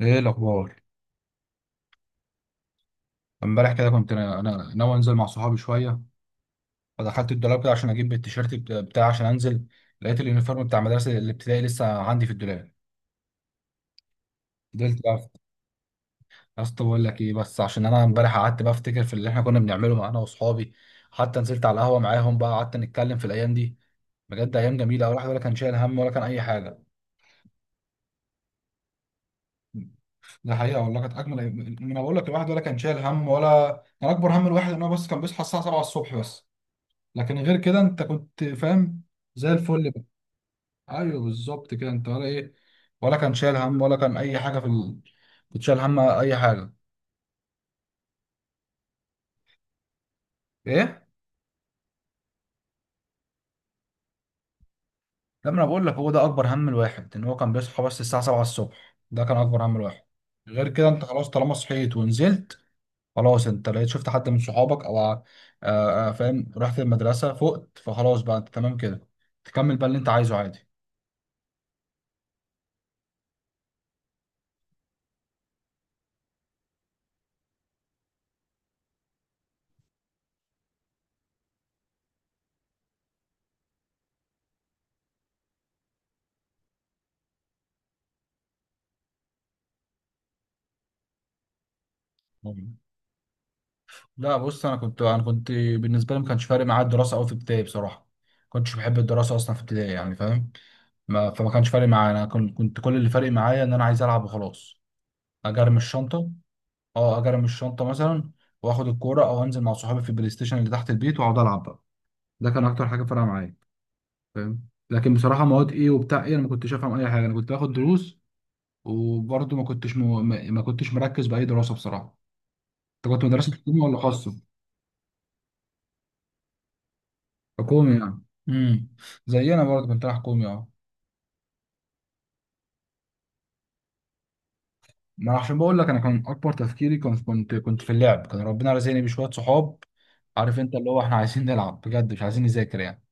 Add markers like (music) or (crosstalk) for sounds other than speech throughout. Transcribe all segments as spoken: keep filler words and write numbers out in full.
ايه الاخبار؟ امبارح كده كنت انا انا ناوي انزل مع صحابي شويه. فدخلت الدولاب كده عشان اجيب التيشيرت بت- بتاعي عشان انزل. لقيت اليونيفورم بتاع مدرسه الابتدائي لسه عندي في الدولاب. فضلت بقى أفت- يا اسطى بقول لك ايه، بس عشان انا امبارح قعدت بقى افتكر في اللي احنا كنا بنعمله مع انا واصحابي. حتى نزلت على القهوه معاهم بقى قعدت نتكلم في الايام دي. بجد ايام جميله، الواحد ولا كان شايل هم ولا كان اي حاجه. ده حقيقه والله كانت اجمل أيام. انا بقول لك الواحد ولا كان شايل هم، ولا كان اكبر هم الواحد ان هو بس كان بيصحى الساعه السابعة الصبح بس. لكن غير كده انت كنت فاهم. زي الفل بقى. ايوه بالظبط كده، انت ولا ايه؟ ولا كان شايل هم ولا كان اي حاجه في ال... كنت شايل هم اي حاجه؟ ايه. لما انا بقول لك هو ده اكبر هم الواحد، ان هو كان بيصحى بس الساعه السابعة الصبح، ده كان اكبر هم الواحد. غير كده انت خلاص طالما صحيت ونزلت، خلاص انت لقيت شفت حد من صحابك، او آه، آه، فاهم رحت المدرسه فقت فخلاص بقى انت تمام كده. تكمل بقى اللي انت عايزه عادي. لا بص، انا كنت انا كنت بالنسبه لي ما كانش فارق معايا الدراسه قوي في ابتدائي. بصراحه ما كنتش بحب الدراسه اصلا في ابتدائي، يعني فاهم. ما فما كانش فارق معايا. انا كنت كنت كل اللي فارق معايا ان انا عايز العب وخلاص. اجرم الشنطه. اه اجرم الشنطه مثلا. واخد الكوره او انزل مع صحابي في البلاي ستيشن اللي تحت البيت، واقعد العب بقى. ده كان اكتر حاجه فارقه معايا فاهم. لكن بصراحه مواد ايه وبتاع ايه، انا ما كنتش افهم اي حاجه. انا كنت باخد دروس وبرضه ما كنتش م... ما ما كنتش مركز باي دراسه بصراحه. انت كنت مدرسه حكومه ولا خاصه؟ حكومي يعني. امم. زينا برضه، كنت رايح حكومي اه. ما أنا عشان بقول لك انا كان اكبر تفكيري كنت كنت كنت في اللعب. كان ربنا رزقني بشويه صحاب، عارف انت، اللي هو احنا عايزين نلعب بجد مش عايزين نذاكر يعني.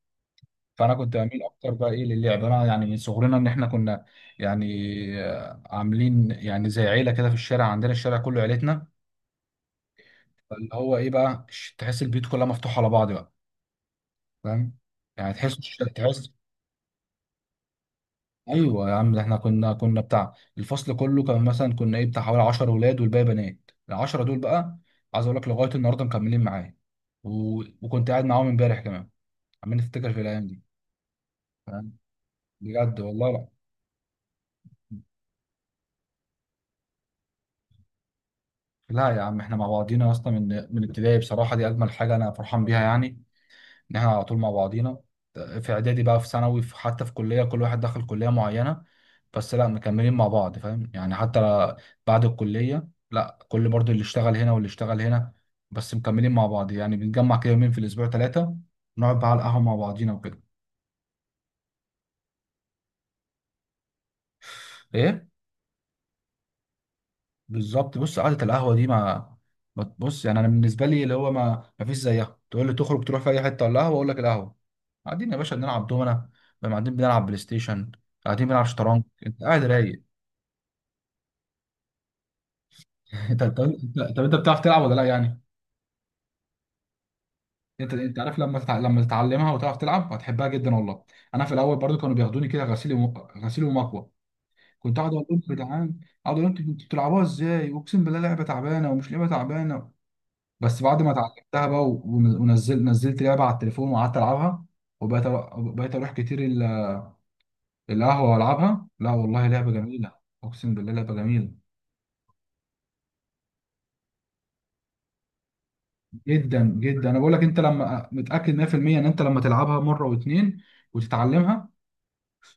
فانا كنت بميل اكتر بقى ايه للعب. انا يعني من صغرنا ان احنا كنا يعني آه، عاملين يعني زي عيله كده في الشارع. عندنا الشارع كله عيلتنا. اللي هو ايه بقى، ش- تحس البيوت كلها مفتوحه على بعض بقى، فاهم؟ يعني تحس. تحس. ايوه يا عم. ده احنا كنا كنا بتاع الفصل كله، كان مثلا كنا ايه بتاع حوالي عشرة ولاد والباقي بنات. العشرة دول بقى عايز اقول لك لغايه النهارده مكملين معايا. و... وكنت قاعد معاهم امبارح كمان، عمال نفتكر في الايام دي. فاهم؟ بجد والله. لا لا يا عم، احنا مع بعضينا اصلا من من ابتدائي بصراحه. دي اجمل حاجه انا فرحان بيها، يعني ان احنا على طول مع بعضينا. في اعدادي بقى، في ثانوي، في حتى في كليه، كل واحد دخل كليه معينه، بس لا مكملين مع بعض. فاهم يعني. حتى بعد الكليه، لا كل برضو اللي اشتغل هنا واللي اشتغل هنا، بس مكملين مع بعض. يعني بنتجمع كده يومين في الاسبوع، ثلاثه، نقعد بقى على القهوه مع بعضينا وكده. ايه. بالظبط. بص قعدة القهوة دي ما ما- بص، يعني انا بالنسبة لي اللي هو ما ما فيش زيها. تقول لي تخرج تروح في اي حتة ولا قهوة؟ اقول لك القهوة. قاعدين يا باشا بنلعب دومنا بقى، قاعدين بنلعب بلاي ستيشن، قاعدين بنلعب شطرنج، انت قاعد رايق. (laughs) انت طب انت طب انت بتعرف تلعب ولا لا يعني؟ انت انت عارف لما تتع- لما تتعلمها وتعرف تلعب هتحبها جدا والله. انا في الاول برضو كانوا بياخدوني كده غسيل وم... غسيل ومكوى. كنت اقعد اقول لهم يا جدعان، اقعد اقول لهم انتوا بتلعبوها ازاي، اقسم بالله لعبه تعبانه. ومش لعبه تعبانه بس بعد ما اتعلمتها بقى. ونزلت نزلت لعبه على التليفون وقعدت العبها. وبقيت أرو- بقيت اروح كتير ال- القهوه والعبها. لا والله لعبه جميله. اقسم بالله لعبه جميله جدا جدا. انا بقول لك انت لما متاكد مية في المية ان انت لما تلعبها مره واتنين وتتعلمها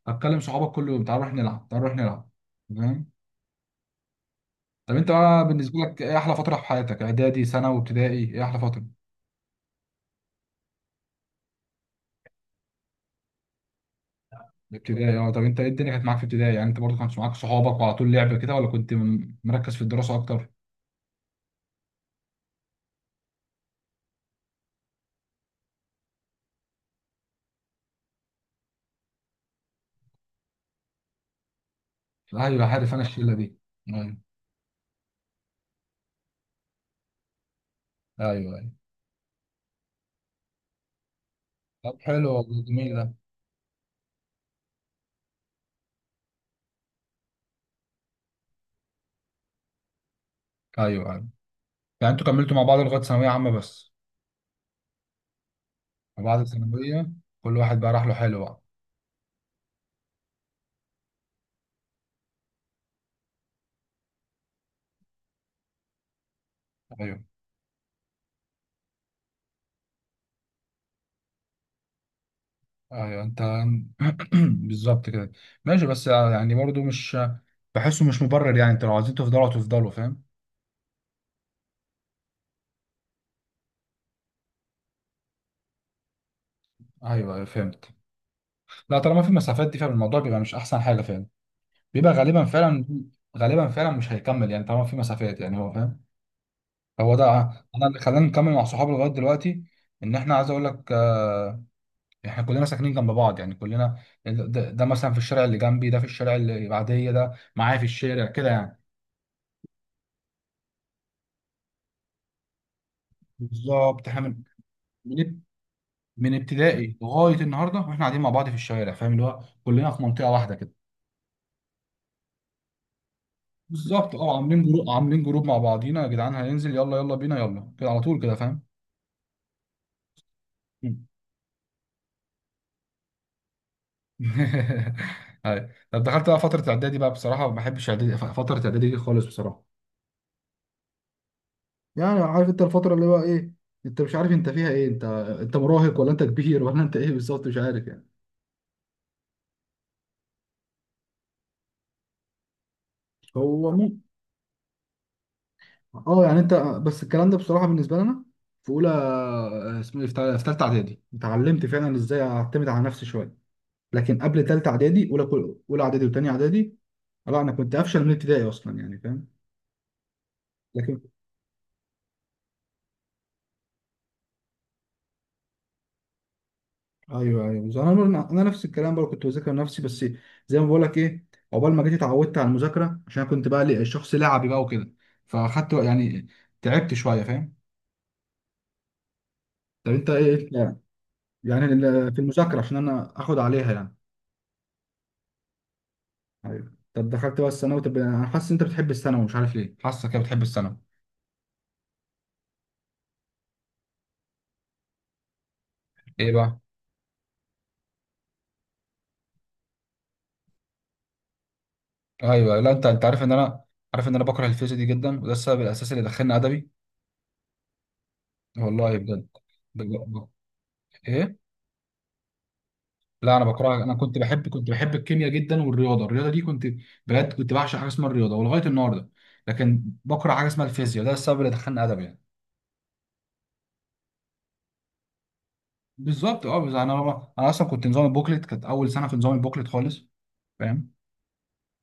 هتكلم صحابك كل يوم تعال نروح نلعب، تعال نروح نلعب. تمام. طب انت بقى بالنسبه لك ايه احلى فتره في حياتك، اعدادي، ثانوي، ابتدائي؟ ايه احلى فتره؟ ابتدائي اه. طب انت ايه الدنيا كانت معاك في ابتدائي يعني؟ انت برضو كانت معاك صحابك وعلى طول لعب كده ولا كنت م- مركز في الدراسه اكتر؟ ايوه عارف انا الشله دي. ايوه. ايوه. ايوه طب حلو والله، جميل ده. ايوه ايوه. يعني انتوا كملتوا مع بعض لغايه ثانويه عامه بس؟ وبعد الثانويه كل واحد بقى راح له، حلو بقى. ايوه ايوه انت. (clears throat) بالظبط كده. ماشي، بس يعني برضو مش بحسه مش مبرر يعني. انتوا لو عايزين تفضلوا تفضلوا، فاهم. ايوه ايوه فهمت. لا طالما في مسافات دي، فالموضوع بيبقى مش احسن حاجه فعلا. بيبقى غالبا فعلا، غالبا فعلا مش هيكمل يعني. طالما في مسافات يعني هو فاهم. هو ده. انا اللي خلاني نكمل مع صحابي لغايه دلوقتي ان احنا عايز اقول لك آه، احنا كلنا ساكنين جنب بعض يعني كلنا. ده, ده مثلا في الشارع اللي جنبي، ده في الشارع اللي بعديه، ده معايا في الشارع كده يعني. بالظبط. احنا من من من ابتدائي لغايه النهارده واحنا قاعدين مع بعض في الشارع. فاهم، اللي هو كلنا في منطقه واحده كده. بالظبط اه. عاملين جروب عاملين جروب مع بعضينا يا جدعان هننزل، يلا يلا بينا يلا كده على طول كده فاهم. مم. (laughs) أيوة. طب دخلت بقى فتره اعدادي. بقى بصراحه ما بحبش اعدادي، فتره اعدادي دي خالص بصراحه. يعني عارف انت الفترة اللي هو ايه. انت مش عارف انت فيها ايه، انت انت مراهق ولا انت كبير ولا انت ايه بالظبط، مش عارف يعني. هو ممكن. اه يعني انت. بس الكلام ده بصراحة بالنسبة لنا في اولى، اسمه ايه، في تال- في تالتة اعدادي اتعلمت فعلا ازاي اعتمد على نفسي شوية. لكن قبل تالتة اعدادي، اولى كل- اولى اعدادي وتانية اعدادي، لا انا كنت افشل من ابتدائي اصلا يعني فاهم. لكن ايوه ايوه. بس انا انا أنا نفس الكلام برضه كنت بذاكر نفسي بس. زي ما بقول لك ايه، عقبال ما جيت اتعودت على المذاكره عشان أنا كنت بقى لي- شخص لعبي بقى وكده. فاخدت وق- يعني تعبت شويه فاهم. طب انت ايه؟ لا، يعني ال- في المذاكره عشان انا اخد عليها يعني. ايوه. طب دخلت بقى الثانوي. طب انا حاسس إن انت بتحب الثانوي، مش عارف ليه حاسك كده بتحب الثانوي. ايه بقى؟ ايوه. لا انت انت عارف ان انا عارف ان انا بكره الفيزياء دي جدا، وده السبب الاساسي اللي دخلني ادبي. والله بجد. بجد. ايه؟ لا انا بكرهها. انا كنت بحب كنت بحب الكيمياء جدا، والرياضه. الرياضه دي كنت بجد كنت بعشق حاجه اسمها الرياضه ولغايه النهارده. لكن بكره حاجه اسمها الفيزياء، ده السبب اللي دخلني ادب يعني. بالظبط اه. بس انا انا اصلا كنت نظام البوكلت. كانت اول سنه في نظام البوكلت خالص فاهم.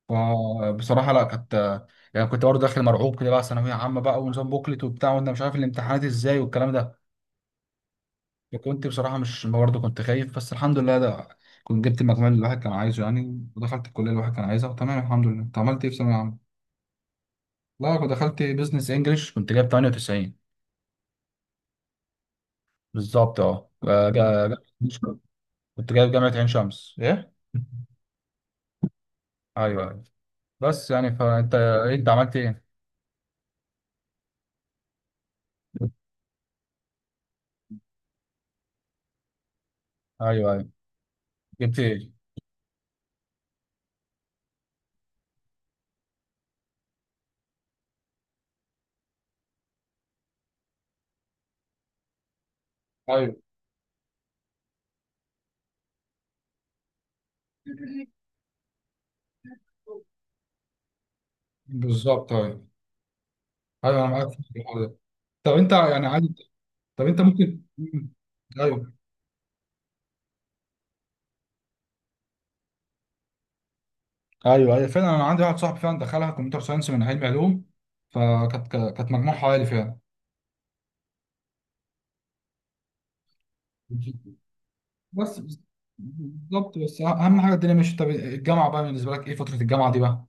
فبصراحه لا كانت يعني كنت برضه داخل مرعوب كده بقى، ثانويه عامه بقى ونظام بوكلت وبتاع وانا مش عارف الامتحانات ازاي والكلام ده. فكنت بصراحه مش برضه كنت خايف، بس الحمد لله ده كنت جبت المجموع اللي الواحد كان عايزه يعني، ودخلت الكليه اللي الواحد كان عايزها، وتمام الحمد لله. انت عملت ايه في ثانويه عامه؟ لا أنا دخلت بزنس انجلش. كنت جايب تمانية وتسعين. بالظبط اه. جا- جا- كنت جايب جامعة عين شمس ايه. ايوه ايوه. بس يعني فانت انت عملت ايه؟ ايوه ايوه. جبت ايه؟ ايوه. بالظبط. ايوه ايوه، انا معاك في الحوار ده. طب انت يعني عادي. طب انت ممكن. مم. ايوه ايوه. ايوه فعلا انا عندي واحد صاحبي فعلا دخلها كمبيوتر ساينس من علم علوم. فكانت كانت مجموعها عالي فعلا. بس بس- بالظبط. بس اهم حاجه الدنيا ماشيه. طب الجامعه بقى، بالنسبه لك ايه فتره الجامعه دي بقى؟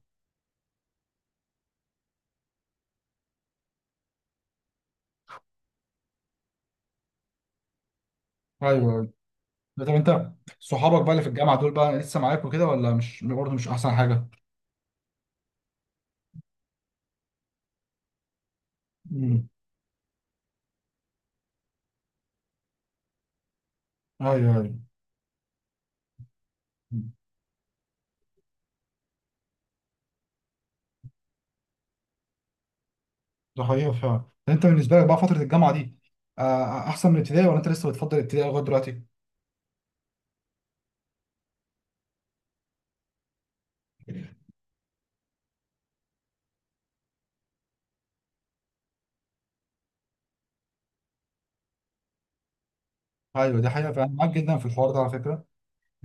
ايوه أيوة. طب انت صحابك بقى اللي في الجامعه دول بقى لسه معاك وكده ولا مش برضه مش احسن حاجه؟ امم. ايوه ايوه. مم. ده حقيقه فعلا. طب انت بالنسبه لك بقى فتره الجامعه دي آه، احسن من الابتدائي ولا انت لسه بتفضل الابتدائي لغايه دلوقتي؟ ايوه دي حقيقه فعلا، معاك جدا في الحوار ده على فكره.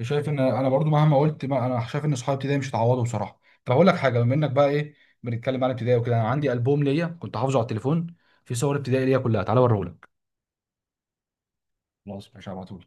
شايف ان انا برضو مهما قلت، ما انا شايف ان صحابي ابتدائي مش هيتعوضوا بصراحه. طب اقول لك حاجه، بما انك بقى ايه بنتكلم عن ابتدائي وكده، انا عندي البوم ليا كنت حافظه على التليفون في صور ابتدائي ليا كلها، تعالى اوريهولك. خلاص مش هبعته.